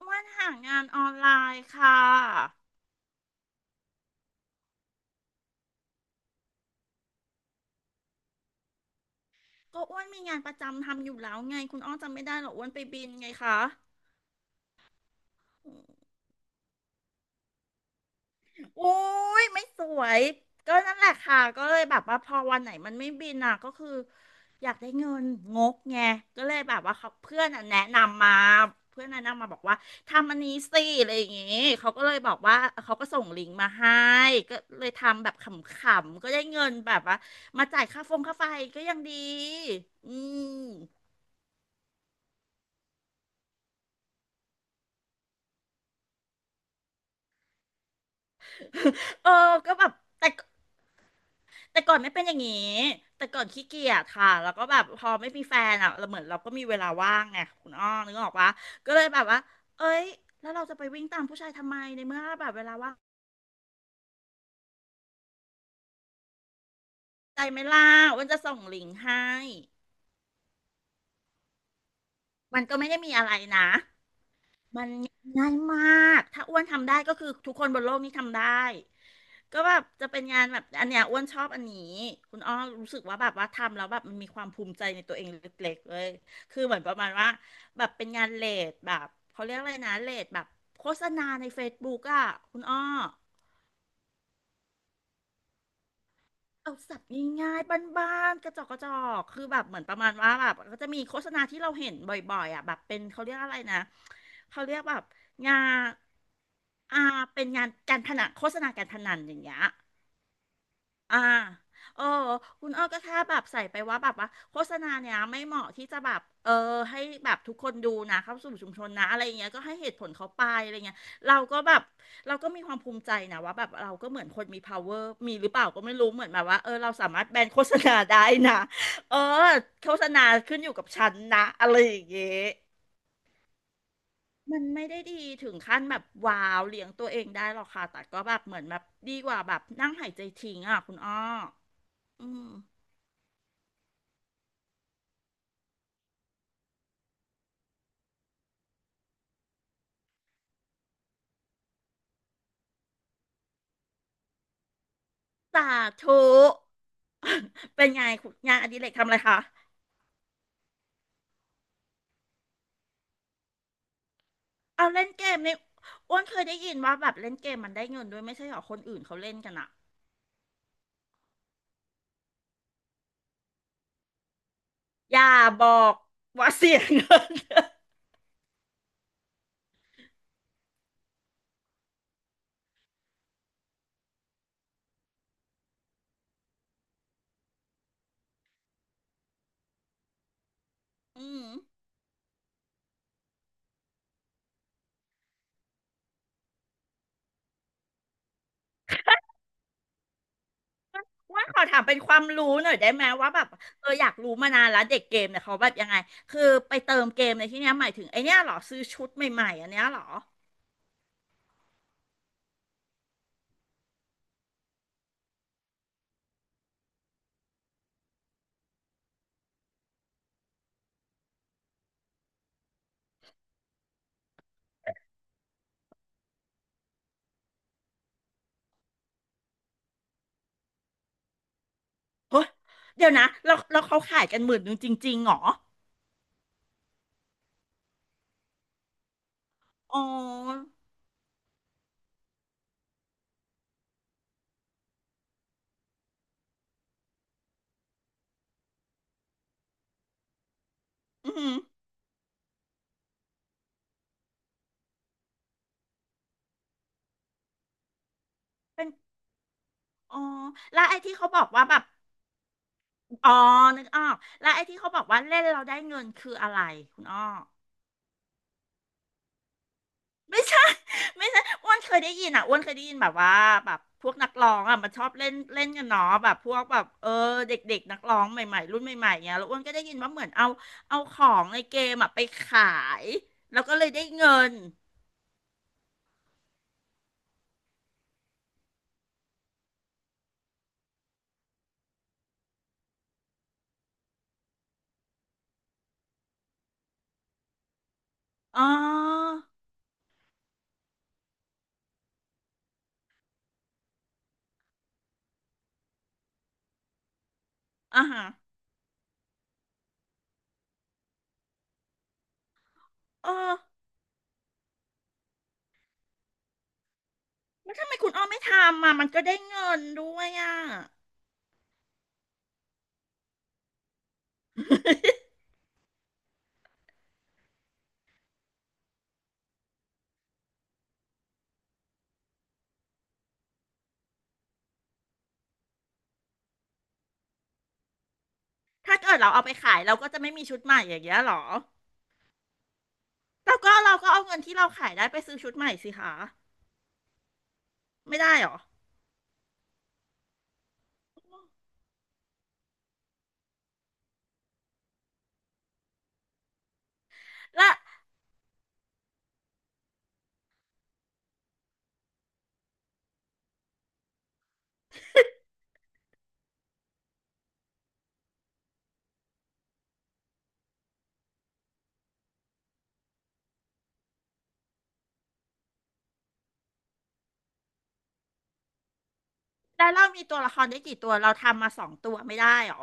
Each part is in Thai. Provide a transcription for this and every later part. อ้วนหางานออนไลน์ค่ะก็อ้วนมีงานประจำทำอยู่แล้วไงคุณอ้อจำไม่ได้เหรออ้วนไปบินไงคะอืมโอุ้ยไม่สวยก็นั่นแหละค่ะก็เลยแบบว่าพอวันไหนมันไม่บินอ่ะก็คืออยากได้เงินงกไงก็เลยแบบว่าเขาเพื่อนอ่ะแนะนำมาเพื่อนแนะนำมาบอกว่าทำอันนี้สิอะไรอย่างงี้เขาก็เลยบอกว่าเขาก็ส่งลิงก์มาให้ก็เลยทำแบบขำๆก็ได้เงินแบบว่ามาจ่ายค่าฟงค่าไฟก็ยังดีอืม เออก็แบบแต่แต่ก่อนไม่เป็นอย่างนี้ แต่ก่อนขี้เกียจค่ะแล้วก็แบบพอไม่มีแฟนอ่ะเราเหมือนเราก็มีเวลาว่างไงคุณอ้อนึกออกปะก็เลยแบบว่า เอ้ยแล้วเราจะไปวิ่งตามผู้ชายทำไม ในเมื่อแบบเวลาว่างใจไหม่ล่าอ้วันจะส่งลิงก์ให้มันก็ไม่ได้มีอะไรนะ มันง่ายมาก ถ้าอ้วนทำได้ก็คือทุกคนบนโลกนี้ทำได้ ก็แบบจะเป็นงานแบบอันเนี้ยอ้วนชอบอันนี้ คุณอ้อรู้สึกว่าแบบว่าทำแล้วแบบมันมีความภูมิใจในตัวเองเล็กๆเลย คือเหมือนประมาณว่าแบบเป็นงานเลดแบบเขาเรียกอะไรนะเลดแบบโฆษณาใน Facebook อ่ะคุณอ้อ เอาสัตว์ง่ายๆบ้านๆกระจอกกระจอกคือแบบเหมือนประมาณว่าแบบก็จะมีโฆษณาที่เราเห็นบ่อยๆอ่ะแบบเป็นเขาเรียกอะไรนะ เขาเรียกแบบงานอ่าเป็นงานการพนันโฆษณาการพนันอย่างเงี้ย อ่าเออคุณอ้อก็แค่แบบใส่ไปว่าแบบว่าโฆษณาเนี้ยไม่เหมาะที่จะแบบเออให้แบบทุกคนดูนะเข้าสู่ชุมชนนะอะไรอย่างเงี้ยก็ให้เหตุผลเขาไปอะไรเงี้ยเราก็แบบเราก็มีความภูมิใจนะว่าแบบเราก็เหมือนคนมี power มีหรือเปล่าก็ไม่รู้เหมือนแบบว่าเออเราสามารถแบนโฆษณาได้นะเออโฆษณาขึ้นอยู่กับฉันนะอะไรอย่างเงี้ยมันไม่ได้ดีถึงขั้นแบบว้าวเลี้ยงตัวเองได้หรอกค่ะแต่ก็แบบเหมือนแบบดีกว่าแบบนั่งหายใจทิ้งอ่ะคุณอ้ออืม สาธุ เป็นไงคุณงานอดิเรกทำอะไรคะเอาเล่นเกมนี่อ้วนเคยได้ยินว่าแบบเล่นเกมมันได้เงินด้วยไม่ใช่เหรอคนอื่นเขาเล่นกันอะอย่าบอกว่าเสียเงินอืมว่าขอถามเป็นความรู้หน่อยได้ไหมว่าแบบเอออยากรู้มานานแล้วเด็กเกมเนี่ยเขาแบบยังไงคือไปเติมเกมในที่เนี้ยหมายถึงไอเนี้ยเหรอซื้อชุดใหม่ๆอันเนี้ยเหรอเฮ้ยเดี๋ยวนะแล้วเขาขายกันหมื่นหนึ่งจริงๆเหรออ๋ออืมเป็น อ๋อแล้วไอ้ที่เขาบอกว่าแบบอ๋อนึกออกแล้วไอ้ที่เขาบอกว่าเล่นเราได้เงินคืออะไรคุณอ้อไม่ใช่ ไม่ใช่อ้วนเคยได้ยินอ่ะอ้วนเคยได้ยินแบบว่าแบบพวกนักร้องอ่ะมันชอบเล่นเล่นกันเนาะแบบพวกแบบเออเด็กๆนักร้องใหม่ๆรุ่นใหม่ๆเงี้ยแล้วอ้วนก็ได้ยินว่าเหมือนเอาเอาของในเกมอ่ะไปขายแล้วก็เลยได้เงินอ๋ออ่าฮะเออแล้วทำไมคุณอ้อไม่ทำอ่ะมันก็ได้เงินด้วยอ่ะ ถ้าเกิดเราเอาไปขายเราก็จะไม่มีชุดใหม่อย่างเงี้ยหรอแล้วก็เราก็เอาเงินที่เราขายได้ไปซื้อชุดใหม่สิคะไม่ได้หรอและแล้วเรามีตัวละครได้กี่ตัวเราทำมาสองตัวไม่ได้หรอ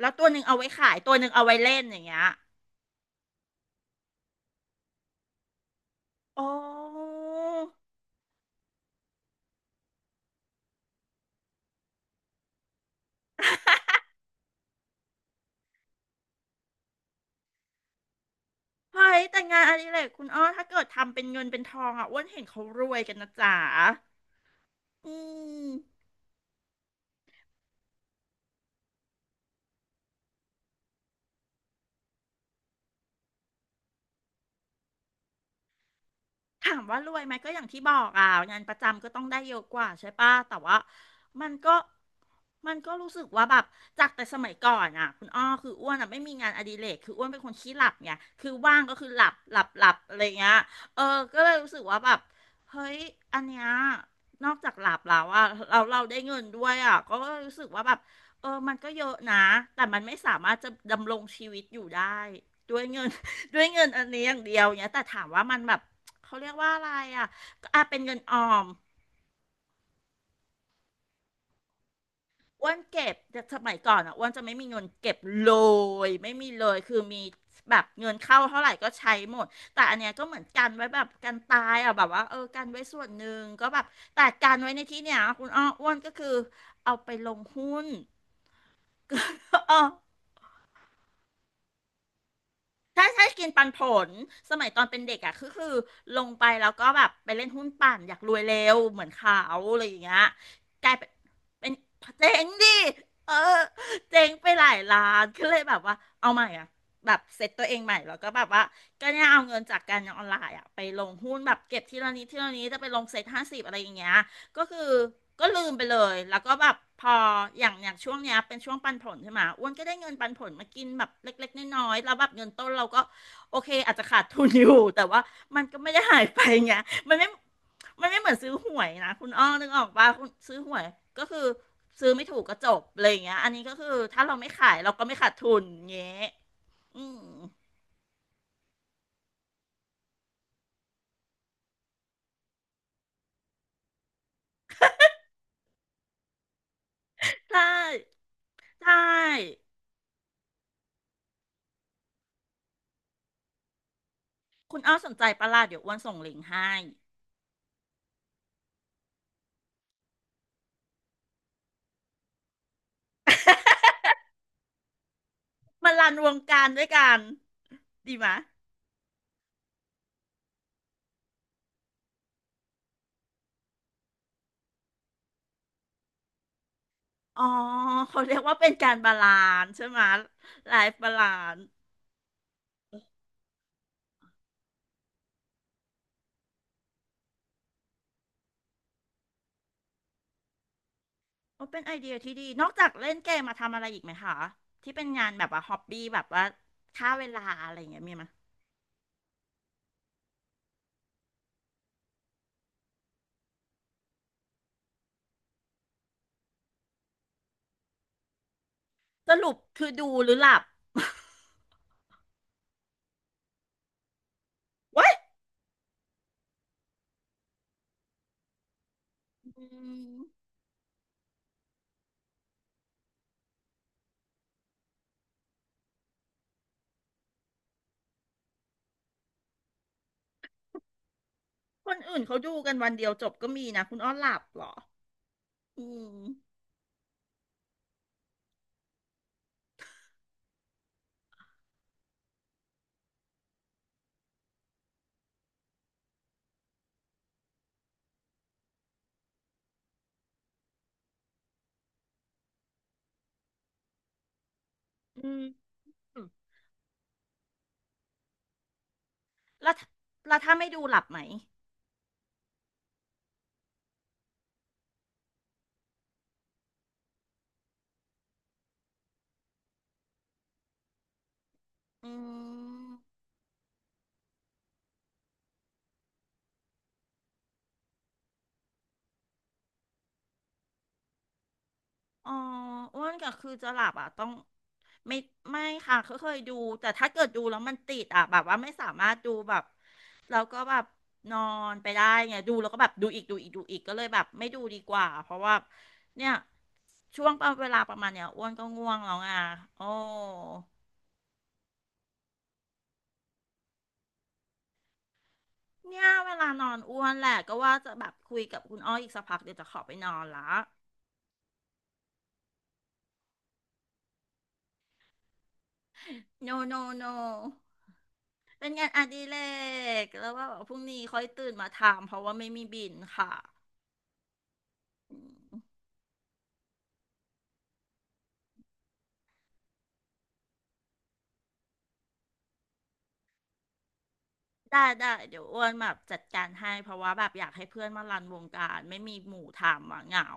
แล้วตัวหนึ่งเอาไว้ขายตัวหนึ่งเอาไว้เล่นอย่างเงี้ยโอ้เฮ้ยแต่งานอดิเรกคุณอ้อถ้าเกิดทำเป็นเงินเป็นทองอ่ะอ้วนเห็นเขารวยกันนะจ๋าอืม ถามว่ารวยไหมก็อย่างที่บอกอ่ะงานประจำก็ต้องได้เยอะกว่าใช่ปะแต่ว่ามันก็มันก็รู้สึกว่าแบบจากแต่สมัยก่อนอ่ะคุณอ้อคืออ้วนอ่ะไม่มีงานอดิเรกคืออ้วนเป็นคนขี้หลับไงคือว่างก็คือหลับอะไรเงี้ยเออก็เลยรู้สึกว่าแบบเฮ้ยอันเนี้ยนอกจากหลับแล้วอ่ะเราได้เงินด้วยอ่ะก็รู้สึกว่าแบบเออมันก็เยอะนะแต่มันไม่สามารถจะดำรงชีวิตอยู่ได้ด้วยเงิน ด้วยเงินอันนี้อย่างเดียวเนี้ยแต่ถามว่ามันแบบ เขาเรียกว่าอะไรอ่ะก็อ่ะเป็นเงินออมอ้วนเก็บแต่สมัยก่อนอ่ะอ้วนจะไม่มีเงินเก็บเลยไม่มีเลยคือมีแบบเงินเข้าเท่าไหร่ก็ใช้หมดแต่อันเนี้ยก็เหมือนกันไว้แบบกันตายอ่ะแบบว่าเออกันไว้ส่วนหนึ่งก็แบบแต่การไว้ในที่เนี้ยคุณอ้ออ้วนก็คือเอาไปลงหุ้น เออ ใช่ใช่กินปันผลสมัยตอนเป็นเด็กอ่ะคือลงไปแล้วก็แบบไปเล่นหุ้นปั่นอยากรวยเร็วเหมือนเขาอะไรอย่างเงี้ยกลายเป็นเจ๊งดิเออเจ๊งไปหลายล้านก็เลยแบบว่าเอาใหม่อ่ะแบบเซ็ตตัวเองใหม่แล้วก็แบบว่าก็เนี่ยเอาเงินจากการออนไลน์อ่ะไปลงหุ้นแบบเก็บทีละนิดทีละนิดจะไปลงเซ็ต50อะไรอย่างเงี้ย ก็คือก็ลืมไปเลยแล้วก็แบบพออย่างช่วงเนี้ยเป็นช่วงปันผลใช่ไหมอ้วนก็ได้เงินปันผลมากินแบบเล็กๆน้อยๆแล้วแบบเงินต้นเราก็โอเคอาจจะขาดทุนอยู่ แต่ว่ามันก็ไม่ได้หายไปไงมันไม่มันไม่เหมือนซื้อหวยนะคุณอ้อนึกออกปะคุณซื้อหวยก็คือซื้อไม่ถูกก็จบอะไรอย่างเงี้ยอันนี้ก็คือถ้าเราไม่ขายเราก็ไม่ขาดทุนเงี้ยอืมใช่ใช่คุณอ้อสนใจประหลาดเดี๋ยวอ้วนส่งลิงก์ให้มันรันวงการด้วยกัน ดีไหมอ๋อเขาเรียกว่าเป็นการบาลานซ์ใช่ไหมไลฟ์บาลานซ์ก็เป็นไอเดียที่ดี นอกจากเล่นเกมมาทำอะไรอีกไหมคะ ที่เป็นงานแบบว่าฮอบบี้แบบว่าฆ่าเวลาอะไรอย่างเงี้ยมีไหมสรุปคือดูหรือหลับ เว้าย อืมคนอื่นเขาดูกันวันเดียวจบก็มีนะคุณอ้อหลับเหรอ อืมอืมแล้วถ้าแล้วถ้าไม่ดูหลับไหมอืม อ๋ออ้วนก็คือจะหลับอ่ะต้องไม่ไม่ค่ะเคยดูแต่ถ้าเกิดดูแล้วมันติดอ่ะแบบว่าไม่สามารถดูแบบแล้วก็แบบนอนไปได้ไงดูแล้วก็แบบดูอีกดูอีกดูอีกก็เลยแบบไม่ดูดีกว่าเพราะว่าเนี่ยช่วงเวลาประมาณเนี้ยอ้วนก็ง่วงแล้วไงโอ้เนี่ยเวลานอนอ้วนแหละก็ว่าจะแบบคุยกับคุณอ้อยอีกสักพักเดี๋ยวจะขอไปนอนละ no no no เป็นงานอดิเรกแล้วว่าแบบพรุ่งนี้ค่อยตื่นมาทำเพราะว่าไม่มีบินค่ะอืมได้ได้เดี๋ยวอ้วนแบบจัดการให้เพราะว่าแบบอยากให้เพื่อนมารันวงการไม่มีหมู่ทำอ่ะเหงา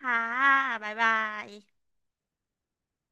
ค่ะบ๊ายบาย